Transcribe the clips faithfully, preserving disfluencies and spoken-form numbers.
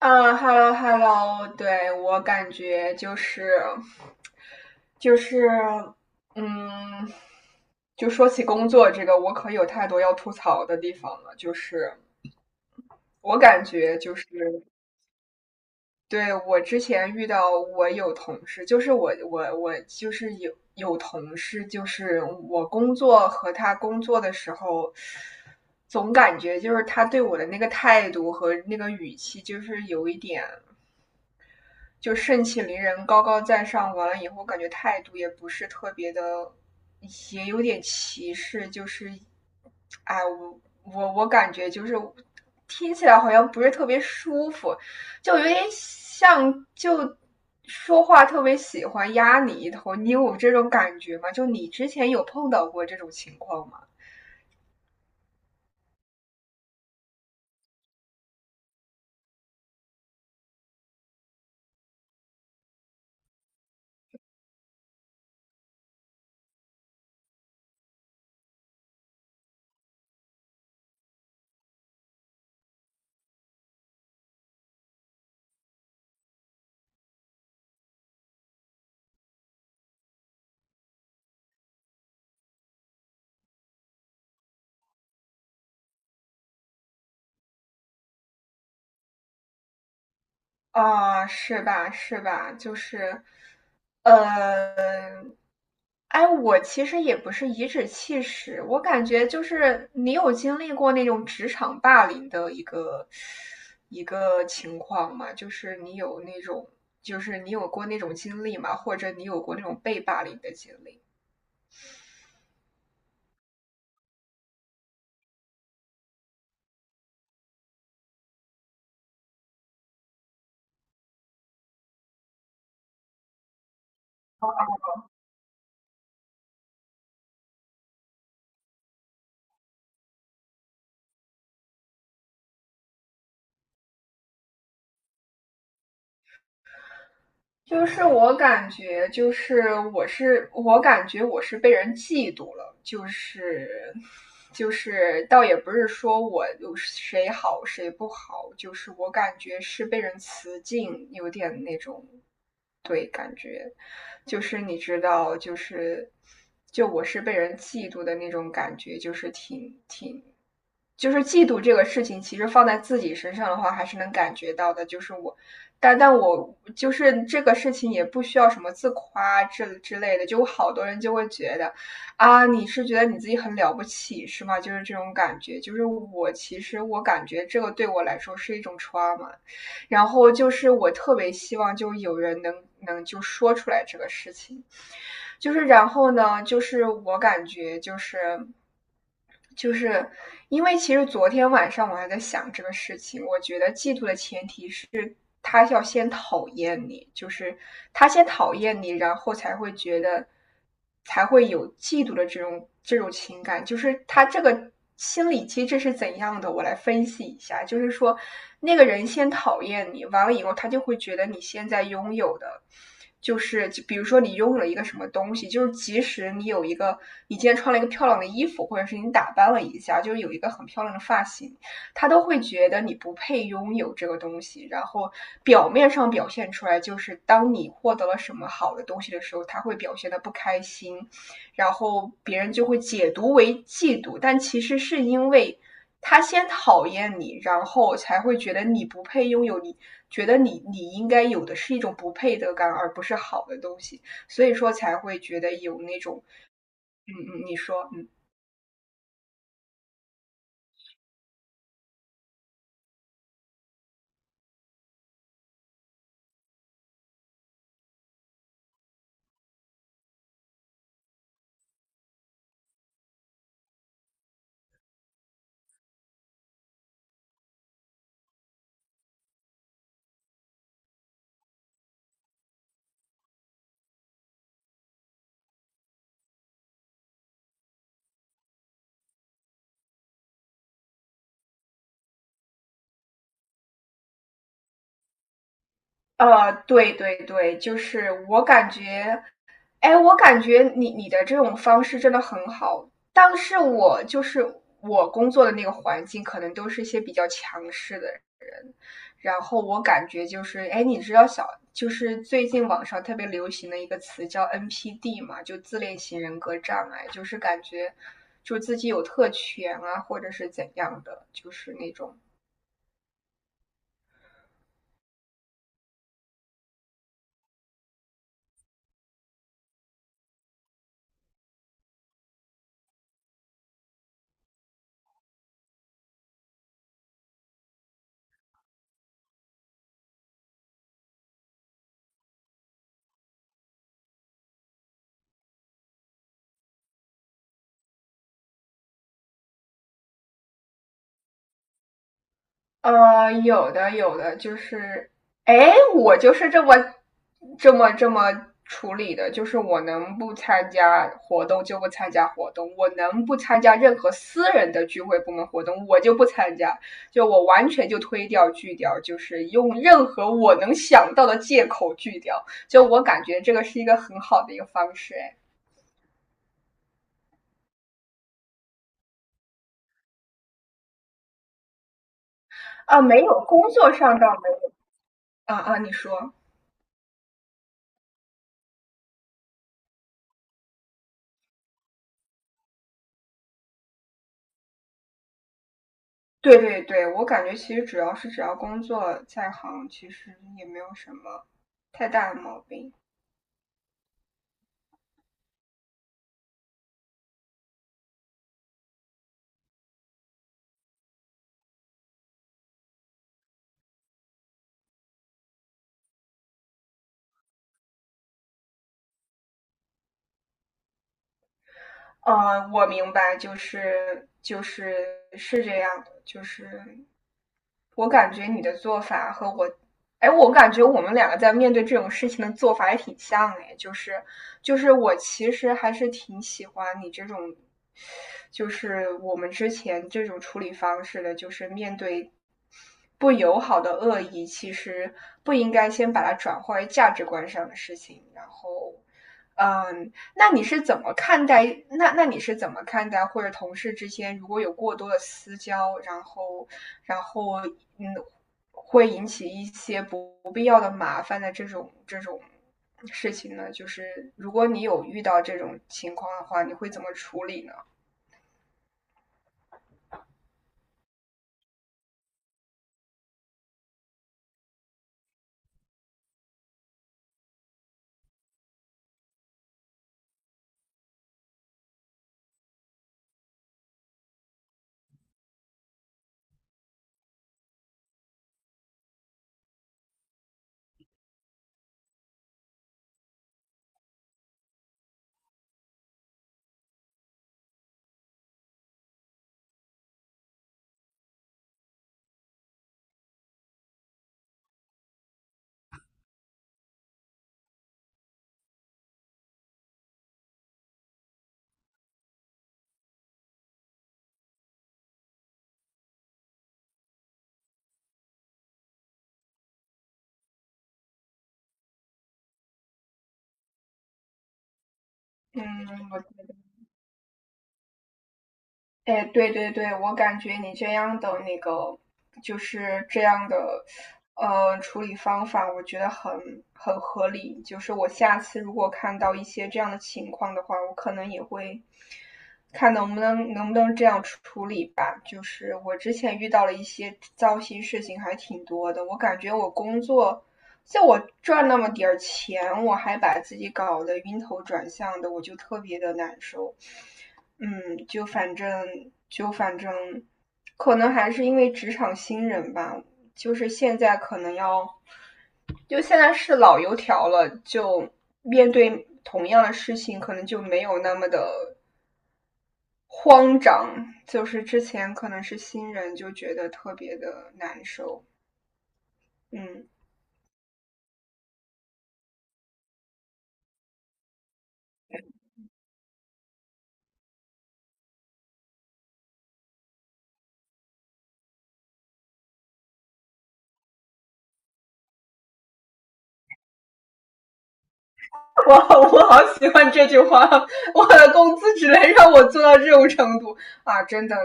啊，hello hello，对，我感觉就是，就是，嗯，就说起工作这个，我可有太多要吐槽的地方了。就是我感觉就是，对，我之前遇到我有同事，就是我我我就是有有同事，就是我工作和他工作的时候，总感觉就是他对我的那个态度和那个语气，就是有一点。就盛气凌人、高高在上，完了以后感觉态度也不是特别的，也有点歧视，就是，哎，我我我感觉就是听起来好像不是特别舒服，就有点像就说话特别喜欢压你一头，你有这种感觉吗？就你之前有碰到过这种情况吗？啊、呃是吧？是吧？就是，呃，哎，我其实也不是颐指气使，我感觉就是你有经历过那种职场霸凌的一个一个情况吗？就是你有那种，就是你有过那种经历吗？或者你有过那种被霸凌的经历吗？就是我感觉，就是我是我感觉我是被人嫉妒了，就是就是倒也不是说我有谁好谁不好，就是我感觉是被人辞敬，有点那种，就是你知道，就是就我是被人嫉妒的那种感觉，就是挺挺就是嫉妒这个事情，其实放在自己身上的话，还是能感觉到的。就是我，但但我就是这个事情也不需要什么自夸之之类的。就好多人就会觉得，啊，你是觉得你自己很了不起是吗？就是这种感觉。就是我其实我感觉这个对我来说是一种 trauma，然后就是我特别希望就有人能能就说出来这个事情。就是然后呢，就是我感觉就是。就是因为其实昨天晚上我还在想这个事情，我觉得嫉妒的前提是他要先讨厌你，就是他先讨厌你，然后才会觉得，才会有嫉妒的这种这种情感。就是他这个心理机制是怎样的？我来分析一下，就是说，那个人先讨厌你，完了以后，他就会觉得你现在拥有的。就是比如说你拥有了一个什么东西，就是即使你有一个，你今天穿了一个漂亮的衣服，或者是你打扮了一下，就是有一个很漂亮的发型，他都会觉得你不配拥有这个东西，然后表面上表现出来就是当你获得了什么好的东西的时候，他会表现的不开心，然后别人就会解读为嫉妒，但其实是因为他先讨厌你，然后才会觉得你不配拥有你，觉得你你应该有的是一种不配得感，而不是好的东西，所以说才会觉得有那种，嗯嗯，你说，嗯。呃，对对对，就是我感觉哎，我感觉你你的这种方式真的很好，但是我就是我工作的那个环境，可能都是一些比较强势的然后我感觉就是，哎，你知道小就是最近网上特别流行的一个词叫 N P D 嘛，就自恋型人格障碍，就是感觉就自己有特权啊，或者是怎样的，就是那种呃，有的有的，就是，哎，我就是这么这么这么处理的，就是我能不参加活动就不参加活动，我能不参加任何私人的聚会部门活动，我就不参加，就我完全就推掉拒掉，就是用任何我能想到的借口拒掉，就我感觉这个是一个很好的一个方式，哎，啊，没有，工作上倒没有，啊啊，你说。对对对，我感觉其实主要是只要工作在行，其实也没有什么太大的毛病。嗯，我明白，就是就是是这样的，就是我感觉你的做法和我，哎，我感觉我们两个在面对这种事情的做法也挺像哎，就是就是我其实还是挺喜欢你这种，就是我们之前这种处理方式的，就是面对不友好的恶意，其实不应该先把它转化为价值观上的事情，然后。嗯，那你是怎么看待？那那你是怎么看待，或者同事之间如果有过多的私交，然后然后嗯，会引起一些不必要的麻烦的这种这种事情呢？就是如果你有遇到这种情况的话，你会怎么处理呢？嗯，哎，对对对，我感觉你这样的那个，就是这样的，呃，处理方法，我觉得很很合理。就是我下次如果看到一些这样的情况的话，我可能也会看能不能能不能这样处处理吧。就是我之前遇到了一些糟心事情，还挺多的。我感觉我工作像我赚那么点儿钱，我还把自己搞得晕头转向的，我就特别的难受。嗯，就反正就反正，可能还是因为职场新人吧，就是现在可能要，就现在是老油条了，就面对同样的事情，可能就没有那么的慌张。就是之前可能是新人，就觉得特别的难受。嗯。我我好喜欢这句话，我的工资只能让我做到这种程度啊！真的，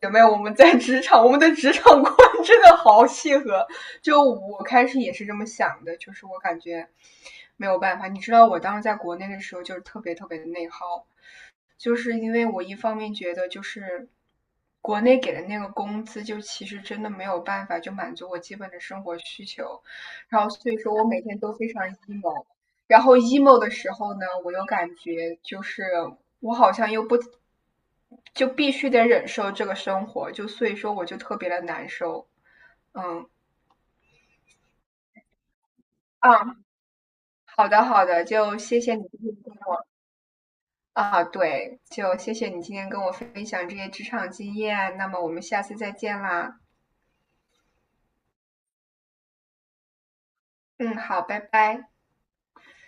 姐妹，我们在职场，我们的职场观真的好契合。就我开始也是这么想的，就是我感觉没有办法。你知道，我当时在国内的时候，就是特别特别的内耗，就是因为我一方面觉得就是国内给的那个工资，就其实真的没有办法就满足我基本的生活需求，然后所以说我每天都非常 emo，然后 emo 的时候呢，我又感觉就是我好像又不就必须得忍受这个生活，就所以说我就特别的难受，嗯。啊，好的好的，就谢谢你今天跟啊，对，就谢谢你今天跟我分享这些职场经验，那么我们下次再见啦。嗯，好，拜拜。